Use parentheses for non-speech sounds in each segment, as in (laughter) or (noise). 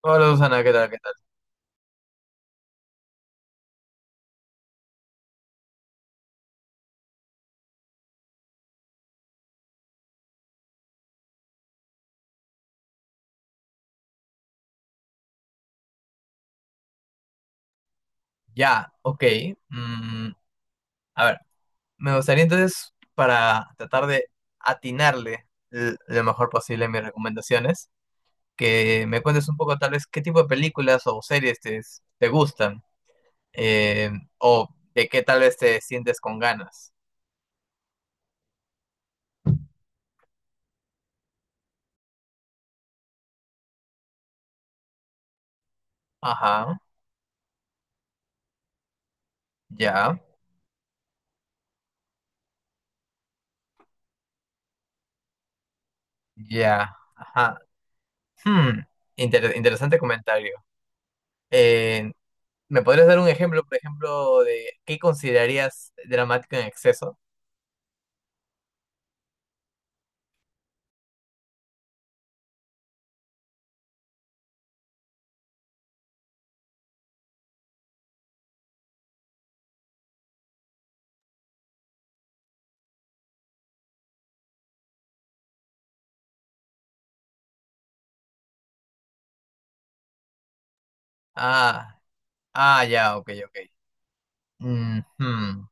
Hola Susana, ¿qué tal? ¿Qué tal? Ya, ok. mm, a ver, me gustaría entonces, para tratar de atinarle lo mejor posible a mis recomendaciones, que me cuentes un poco tal vez qué tipo de películas o series te gustan, eh, o de qué tal vez te sientes con ganas. Ajá, ya, ya, ajá. Hmm, interesante comentario. Eh, ¿Me podrías dar un ejemplo, por ejemplo, de qué considerarías dramático en exceso? Ah. Ah, ya, ok, ok. Ujú,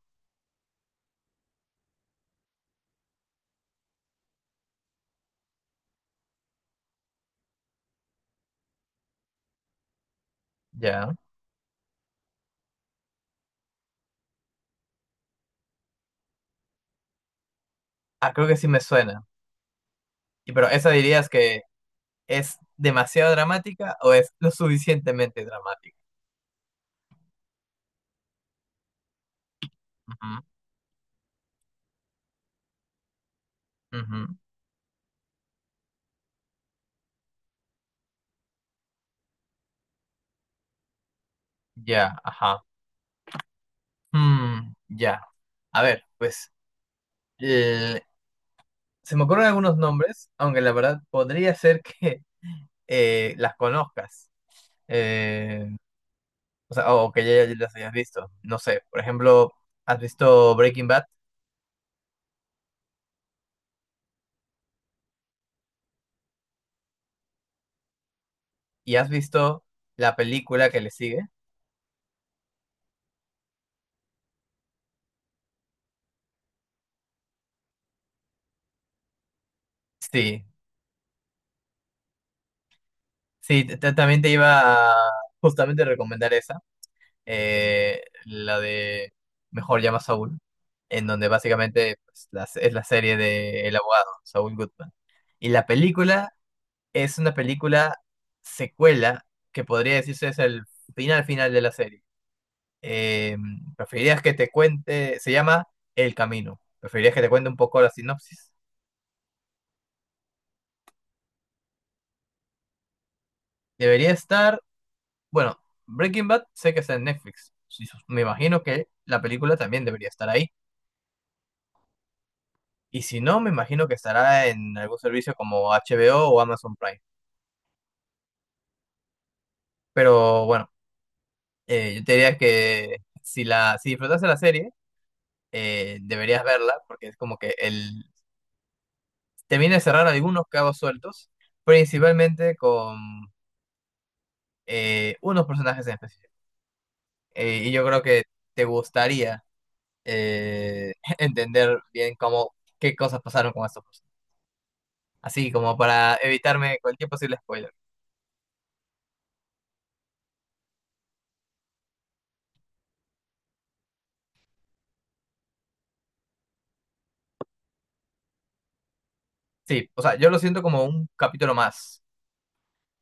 ya. Ah, creo que sí me suena. Y pero esa dirías que es demasiado dramática o es lo suficientemente dramática. Ujú, ujú, ya, ajá. Mm, ya. A ver, pues eh, se me ocurren algunos nombres, aunque la verdad podría ser que (laughs) las conozcas. Eh, o sea, o que ya las hayas visto. No sé, por ejemplo, ¿has visto Breaking Bad y has visto la película que le sigue? Sí, también te iba a justamente recomendar esa, la de Mejor llama a Saúl, en donde básicamente pues, la es la serie de El abogado, Saúl Goodman. Y la película es una película secuela que podría decirse es el final final de la serie. Eh, ¿Preferirías que te cuente? Se llama El Camino. ¿Preferirías que te cuente un poco la sinopsis? Debería estar. Bueno, Breaking Bad sé que está en Netflix. Sí, me imagino que la película también debería estar ahí. Y si no, me imagino que estará en algún servicio como HBO o Amazon Prime. Pero bueno, yo te diría que si si disfrutaste la serie, deberías verla, porque es como que te viene a cerrar algunos cabos sueltos, principalmente con unos personajes en específico. Y yo creo que te gustaría eh, (laughs) entender bien qué cosas pasaron con estos personajes. Así como para evitarme cualquier posible spoiler. Sí, o sea, yo lo siento como un capítulo más.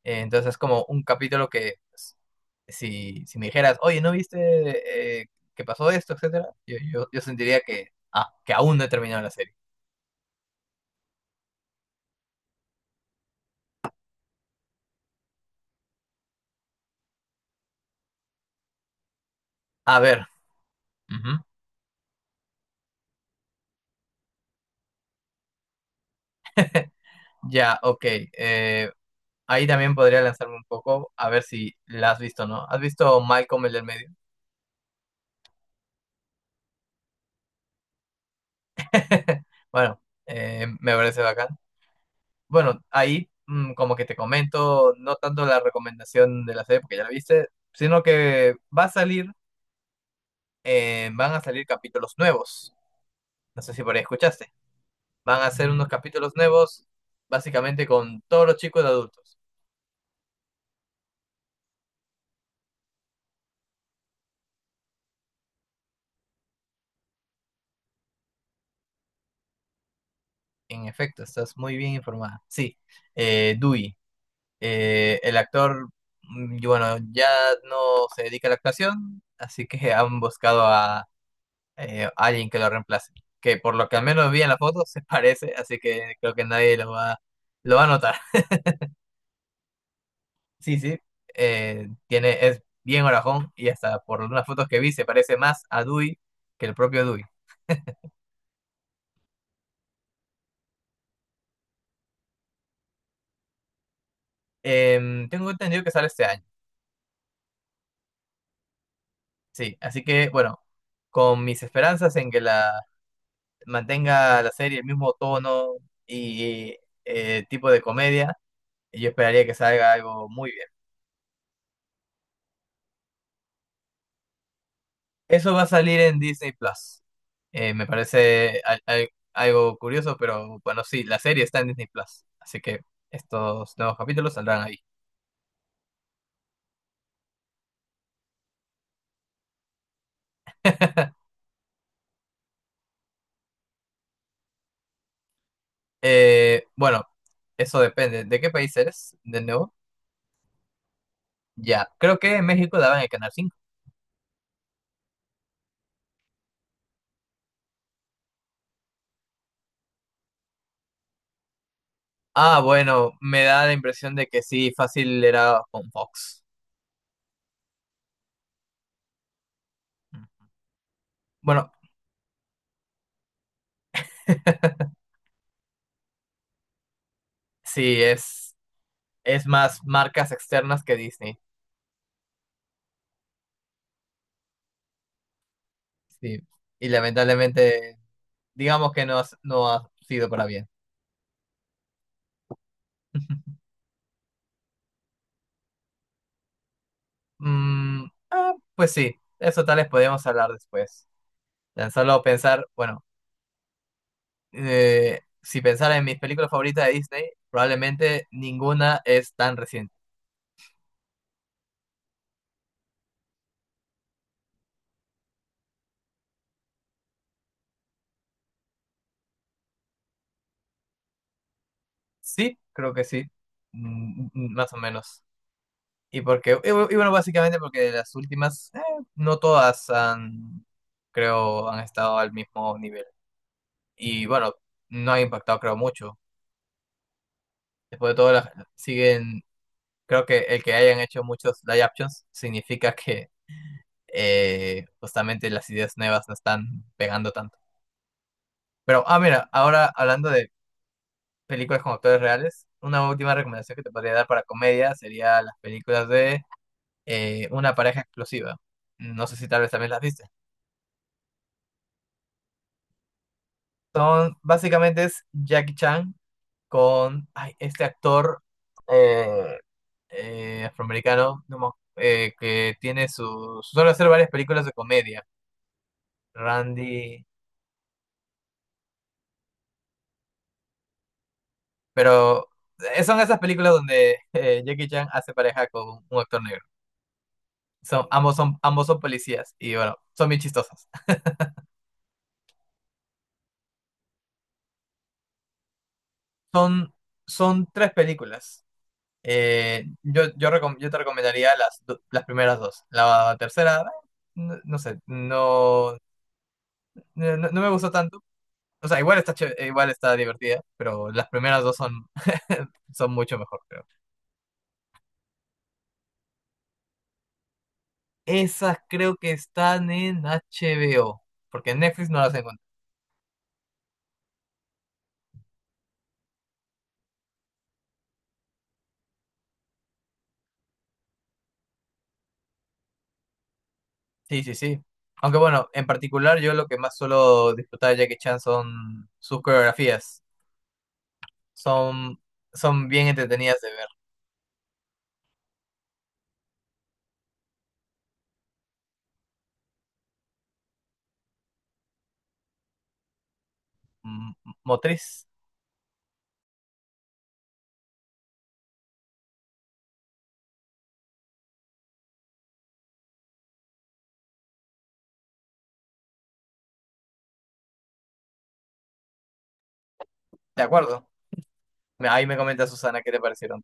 Entonces es como un capítulo que pues, si me dijeras, oye, ¿no viste que pasó esto, etcétera? Yo sentiría que que aún no he terminado la serie. A ver, ujú, ya, ok. eh, Ahí también podría lanzarme un poco a ver si la has visto, ¿no? ¿Has visto Malcolm el del medio? (laughs) Bueno, me parece bacán. Bueno, ahí mm, como que te comento, no tanto la recomendación de la serie porque ya la viste, sino que va a salir, van a salir capítulos nuevos. No sé si por ahí escuchaste. Van a ser unos capítulos nuevos, básicamente con todos los chicos de adultos. En efecto, estás muy bien informada. Sí, Dewey, el actor, y bueno, ya no se dedica a la actuación, así que (laughs) han buscado a alguien que lo reemplace. Que por lo que al menos vi en la foto (laughs) se parece, así que creo que nadie lo va a notar. (laughs) Sí, sí, es bien orajón y hasta por unas fotos que vi se parece más a Dewey que el propio Dewey. Tengo entendido que sale este año, sí, así que bueno, con mis esperanzas en que la mantenga la serie el mismo tono y tipo de comedia, yo esperaría que salga algo muy bien. Eso va a salir en Disney Plus. Me parece algo curioso, pero bueno, sí, la serie está en Disney Plus. Así que estos nuevos capítulos saldrán ahí. (laughs) Bueno, eso depende. ¿De qué país eres? De nuevo. Ya, creo que en México daban el Canal 5. Ah, bueno, me da la impresión de que sí, fácil era con Fox. Mm. Bueno, (laughs) sí, es más marcas externas que Disney. Sí, y lamentablemente digamos que no ha sido para bien. (laughs) Mm, ah, pues sí, eso tal vez podemos hablar después. Tan solo pensar, bueno, si pensara en mis películas favoritas de Disney, probablemente ninguna es tan reciente. Sí, creo que sí, mm, mm, más o menos. Y bueno, básicamente porque de las últimas, no todas creo, han estado al mismo nivel. Y bueno, no ha impactado, creo, mucho. Después de todo, siguen. Creo que el que hayan hecho muchos live actions significa que justamente las ideas nuevas no están pegando tanto. Pero, ah, mira, ahora hablando de películas con actores reales, una última recomendación que te podría dar para comedia sería las películas de Una pareja explosiva. No sé si tal vez también las viste. Son, básicamente es Jackie Chan con ay, este actor eh, afroamericano no me que tiene su... suele hacer varias películas de comedia. Randy. Pero son esas películas donde Jackie Chan hace pareja con un actor negro. Son, ambos son policías y bueno, son bien chistosas. (laughs) Son, son tres películas. Yo te recomendaría las primeras dos. La tercera, no, no sé, no no me gustó tanto. O sea, igual está divertida, pero las primeras dos son, (laughs) son mucho mejor, creo. Esas creo que están en HBO, porque en Netflix no las encontré. Sí, sí, sí. Aunque bueno, en particular yo lo que más suelo disfrutar de Jackie Chan son sus coreografías. Son, son bien entretenidas de ver. Mm, motriz, de acuerdo. Ahí me comenta Susana qué te parecieron.